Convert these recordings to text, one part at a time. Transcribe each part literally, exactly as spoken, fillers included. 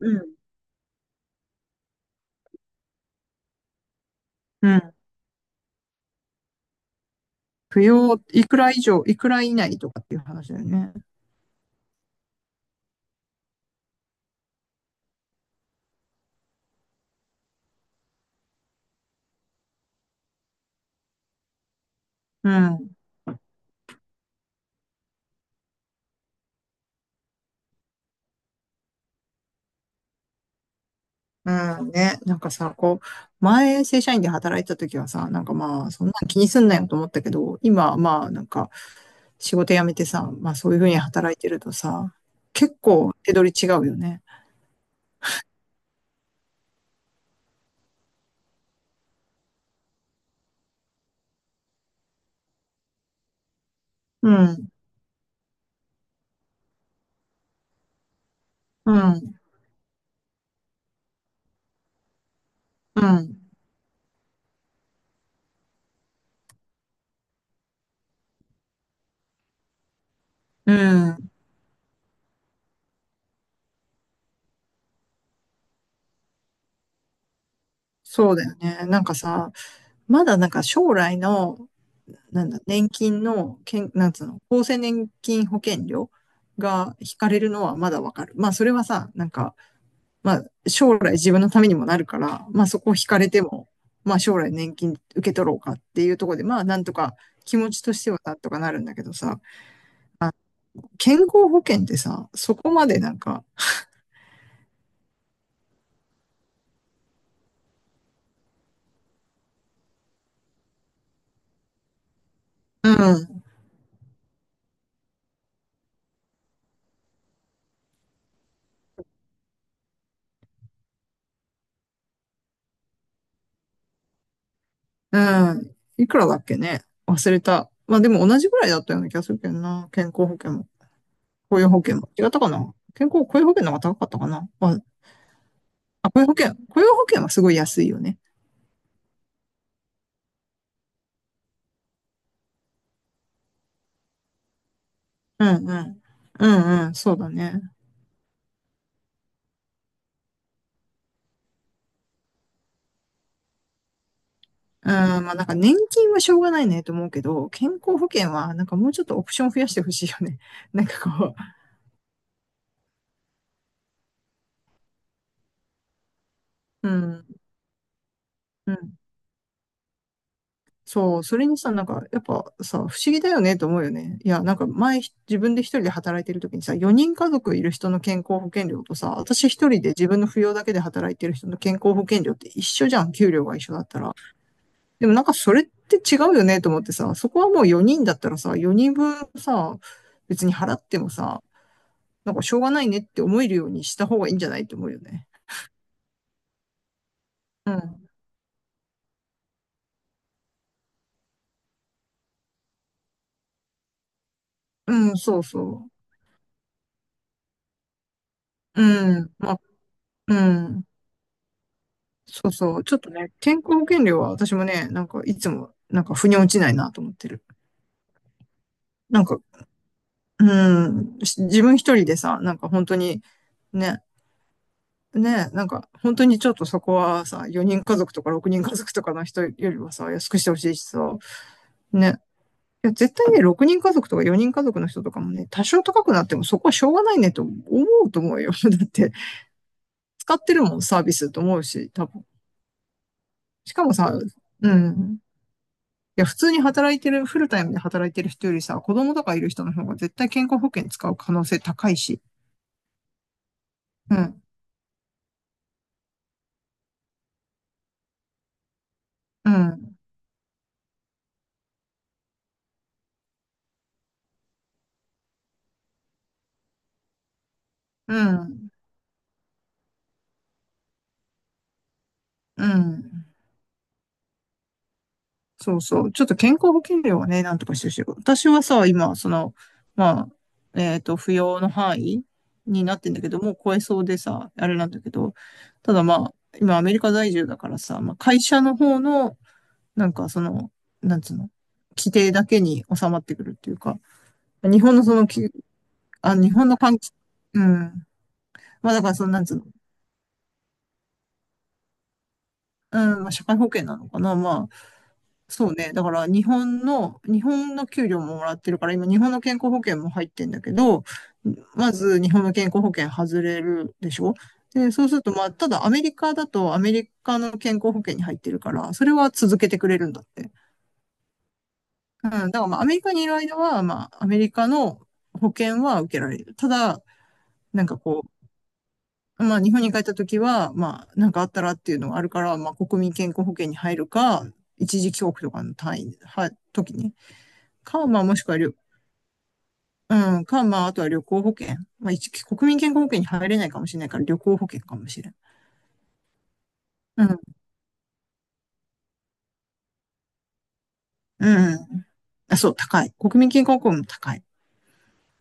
うん。うん。扶養、いくら以上、いくら以内とかっていう話だよね。うん。うん。ね。なんかさ、こう、前、正社員で働いてた時はさ、なんかまあ、そんな気にすんなよと思ったけど、今、まあ、なんか、仕事辞めてさ、まあ、そういうふうに働いてるとさ、結構、手取り違うよね。うん。うん。うん。うん。そうだよね。なんかさ、まだなんか将来の、なんだ、年金の、けん、なんつうの、厚生年金保険料が引かれるのはまだわかる。まあ、それはさ、なんか、まあ、将来自分のためにもなるから、まあ、そこ引かれても、まあ、将来年金受け取ろうかっていうところで、まあ、なんとか気持ちとしてはなんとかなるんだけどさ、健康保険ってさ、そこまでなんか、うん、うん、いくらだっけね忘れた。まあ、でも同じぐらいだったような気がするけどな、健康保険も。雇用保険も。違ったかな健康、雇用保険の方が高かったかなまあ、あ、雇用保険、雇用保険はすごい安いよね。うんうん。うんうん、そうだね。うん、まあなんか年金はしょうがないねと思うけど、健康保険はなんかもうちょっとオプション増やしてほしいよね。なんかこう、うん、うん。そう、それにさ、なんかやっぱさ、不思議だよねと思うよね。いや、なんか前自分で一人で働いてる時にさ、よにん家族いる人の健康保険料とさ、私一人で自分の扶養だけで働いてる人の健康保険料って一緒じゃん、給料が一緒だったら。でもなんかそれって違うよねと思ってさ、そこはもうよにんだったらさ、よにんぶんさ、別に払ってもさ、なんかしょうがないねって思えるようにした方がいいんじゃないと思うよね。うん。うん、そうそう。うん。まあ、うん。そうそう。ちょっとね、健康保険料は私もね、なんかいつも、なんか腑に落ちないなと思ってる。なんか、うん、し自分一人でさ、なんか本当に、ね、ね、なんか本当にちょっとそこはさ、よにん家族とかろくにん家族とかの人よりはさ、安くしてほしいしさ、ね。いや絶対ね、ろくにん家族とかよにん家族の人とかもね、多少高くなってもそこはしょうがないねと思うと思うよ。だって、使ってるもん、サービスと思うし、多分。しかもさ、うん。いや、普通に働いてる、フルタイムで働いてる人よりさ、子供とかいる人の方が絶対健康保険使う可能性高いし。うん。うん。うん。うん。そうそう。ちょっと健康保険料はね、なんとかしてほしい。私はさ、今、その、まあ、えっと、扶養の範囲になってんだけど、もう超えそうでさ、あれなんだけど、ただまあ、今アメリカ在住だからさ、まあ、会社の方の、なんかその、なんつうの、規定だけに収まってくるっていうか、日本のそのき、あ、日本の関係、うん。まあだからその、なんつうの、うん、まあ社会保険なのかな、まあ、そうね。だから日本の、日本の給料ももらってるから、今日本の健康保険も入ってんだけど、まず日本の健康保険外れるでしょで、そうすると、まあ、ただアメリカだとアメリカの健康保険に入ってるから、それは続けてくれるんだって。うん、だからまあアメリカにいる間は、まあ、アメリカの保険は受けられる。ただ、なんかこう、まあ、日本に帰った時は、まあ、なんかあったらっていうのがあるから、まあ、国民健康保険に入るか、一時帰国とかの単位、は、時にカーマもしくはりょ、うん、カウマ、あとは旅行保険。まあ、一、国民健康保険に入れないかもしれないから、旅行保険かもしれん。うん、うん。あ、そう、高い。国民健康保険も高い。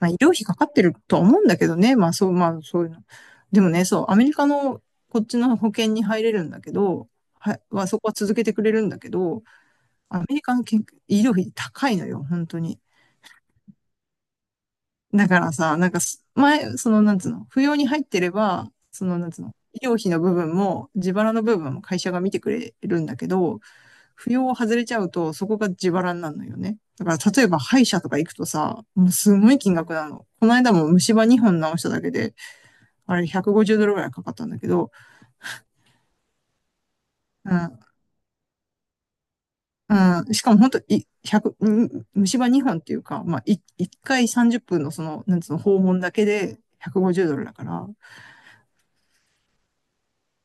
まあ、医療費かかってるとは思うんだけどね。まあ、そう、まあ、そういうの。でもね、そう、アメリカのこっちの保険に入れるんだけど、は、はそこは続けてくれるんだけど、アメリカの健医療費高いのよ、本当に。だからさ、なんかす、前、その、なんつうの、扶養に入ってれば、その、なんつうの、医療費の部分も、自腹の部分も会社が見てくれるんだけど、扶養を外れちゃうと、そこが自腹になるのよね。だから、例えば歯医者とか行くとさ、もうすごい金額なの。この間も虫歯にほん直しただけで、あれひゃくごじゅうドルぐらいかかったんだけど、うん、うん、しかも本当い、百虫歯にほんっていうか、まあ、いっかいさんじゅっぷんのその、なんつうの、訪問だけでひゃくごじゅうドルだから、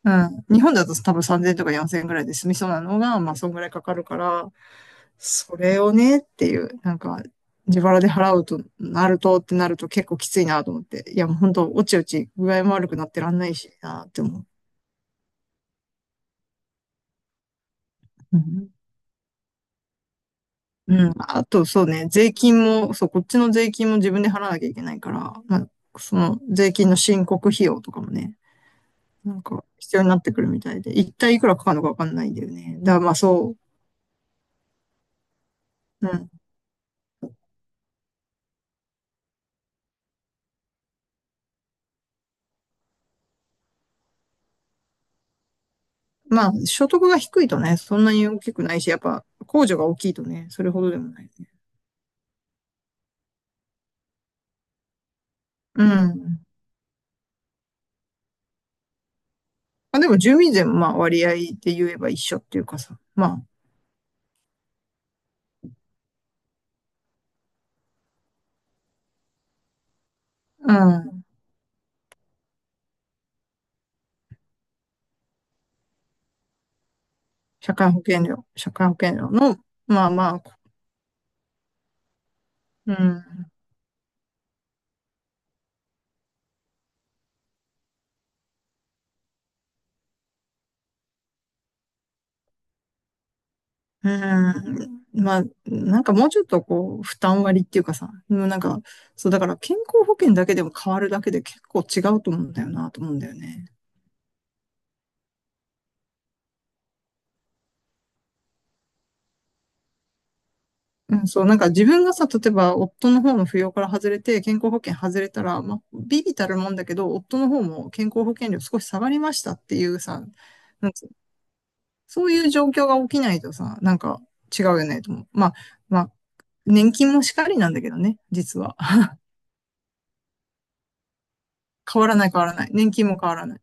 うん。日本だと多分さんぜんとかよんせんぐらいで済みそうなのが、まあそんぐらいかかるから、それをねっていう、なんか自腹で払うとなるとってなると結構きついなと思って。いやもう本当おちおち具合も悪くなってらんないしなって思う。うん。うん。あとそうね、税金も、そう、こっちの税金も自分で払わなきゃいけないから、まあその税金の申告費用とかもね、なんか必要になってくるみたいで、一体いくらかかるのかわかんないんだよね。だからまあそう。まあ、所得が低いとね、そんなに大きくないし、やっぱ、控除が大きいとね、それほどでもないね。うん。まあ、でも、住民税もまあ、割合で言えば一緒っていうかさ、まあ、うん。社会保険料、社会保険料の、まあまあ、うん。うん。まあ、なんかもうちょっとこう、負担割っていうかさ、もうなんか、そう、だから健康保険だけでも変わるだけで結構違うと思うんだよな、と思うんだよね。うん、そう、なんか自分がさ、例えば夫の方の扶養から外れて、健康保険外れたら、まあ、ビビたるもんだけど、夫の方も健康保険料少し下がりましたっていうさ、なんつうそういう状況が起きないとさ、なんか違うよねと思う。まあ、まあ、年金もしかりなんだけどね、実は。変わらない変わらない。年金も変わらない。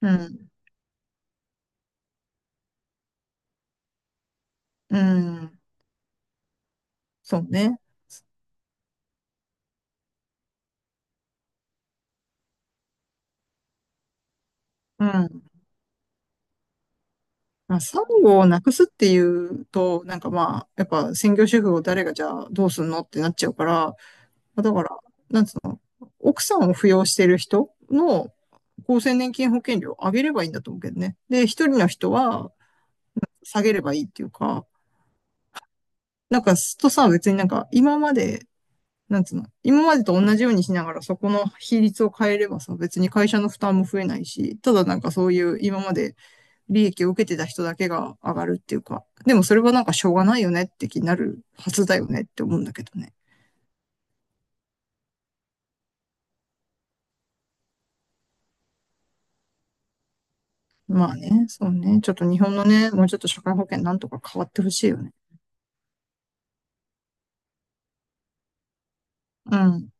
うん。うん。そうね。うん。まあ、産後をなくすっていうと、なんかまあ、やっぱ専業主婦を誰がじゃあどうすんのってなっちゃうから、まあだから、なんつうの、奥さんを扶養してる人の厚生年金保険料を上げればいいんだと思うけどね。で、一人の人は下げればいいっていうか、なんかすっとさ、別になんか今まで、なんつうの、今までと同じようにしながらそこの比率を変えればさ、別に会社の負担も増えないし、ただなんかそういう今まで利益を受けてた人だけが上がるっていうか、でもそれはなんかしょうがないよねって気になるはずだよねって思うんだけどね。まあね、そうね。ちょっと日本のね、もうちょっと社会保険なんとか変わってほしいよね。うん。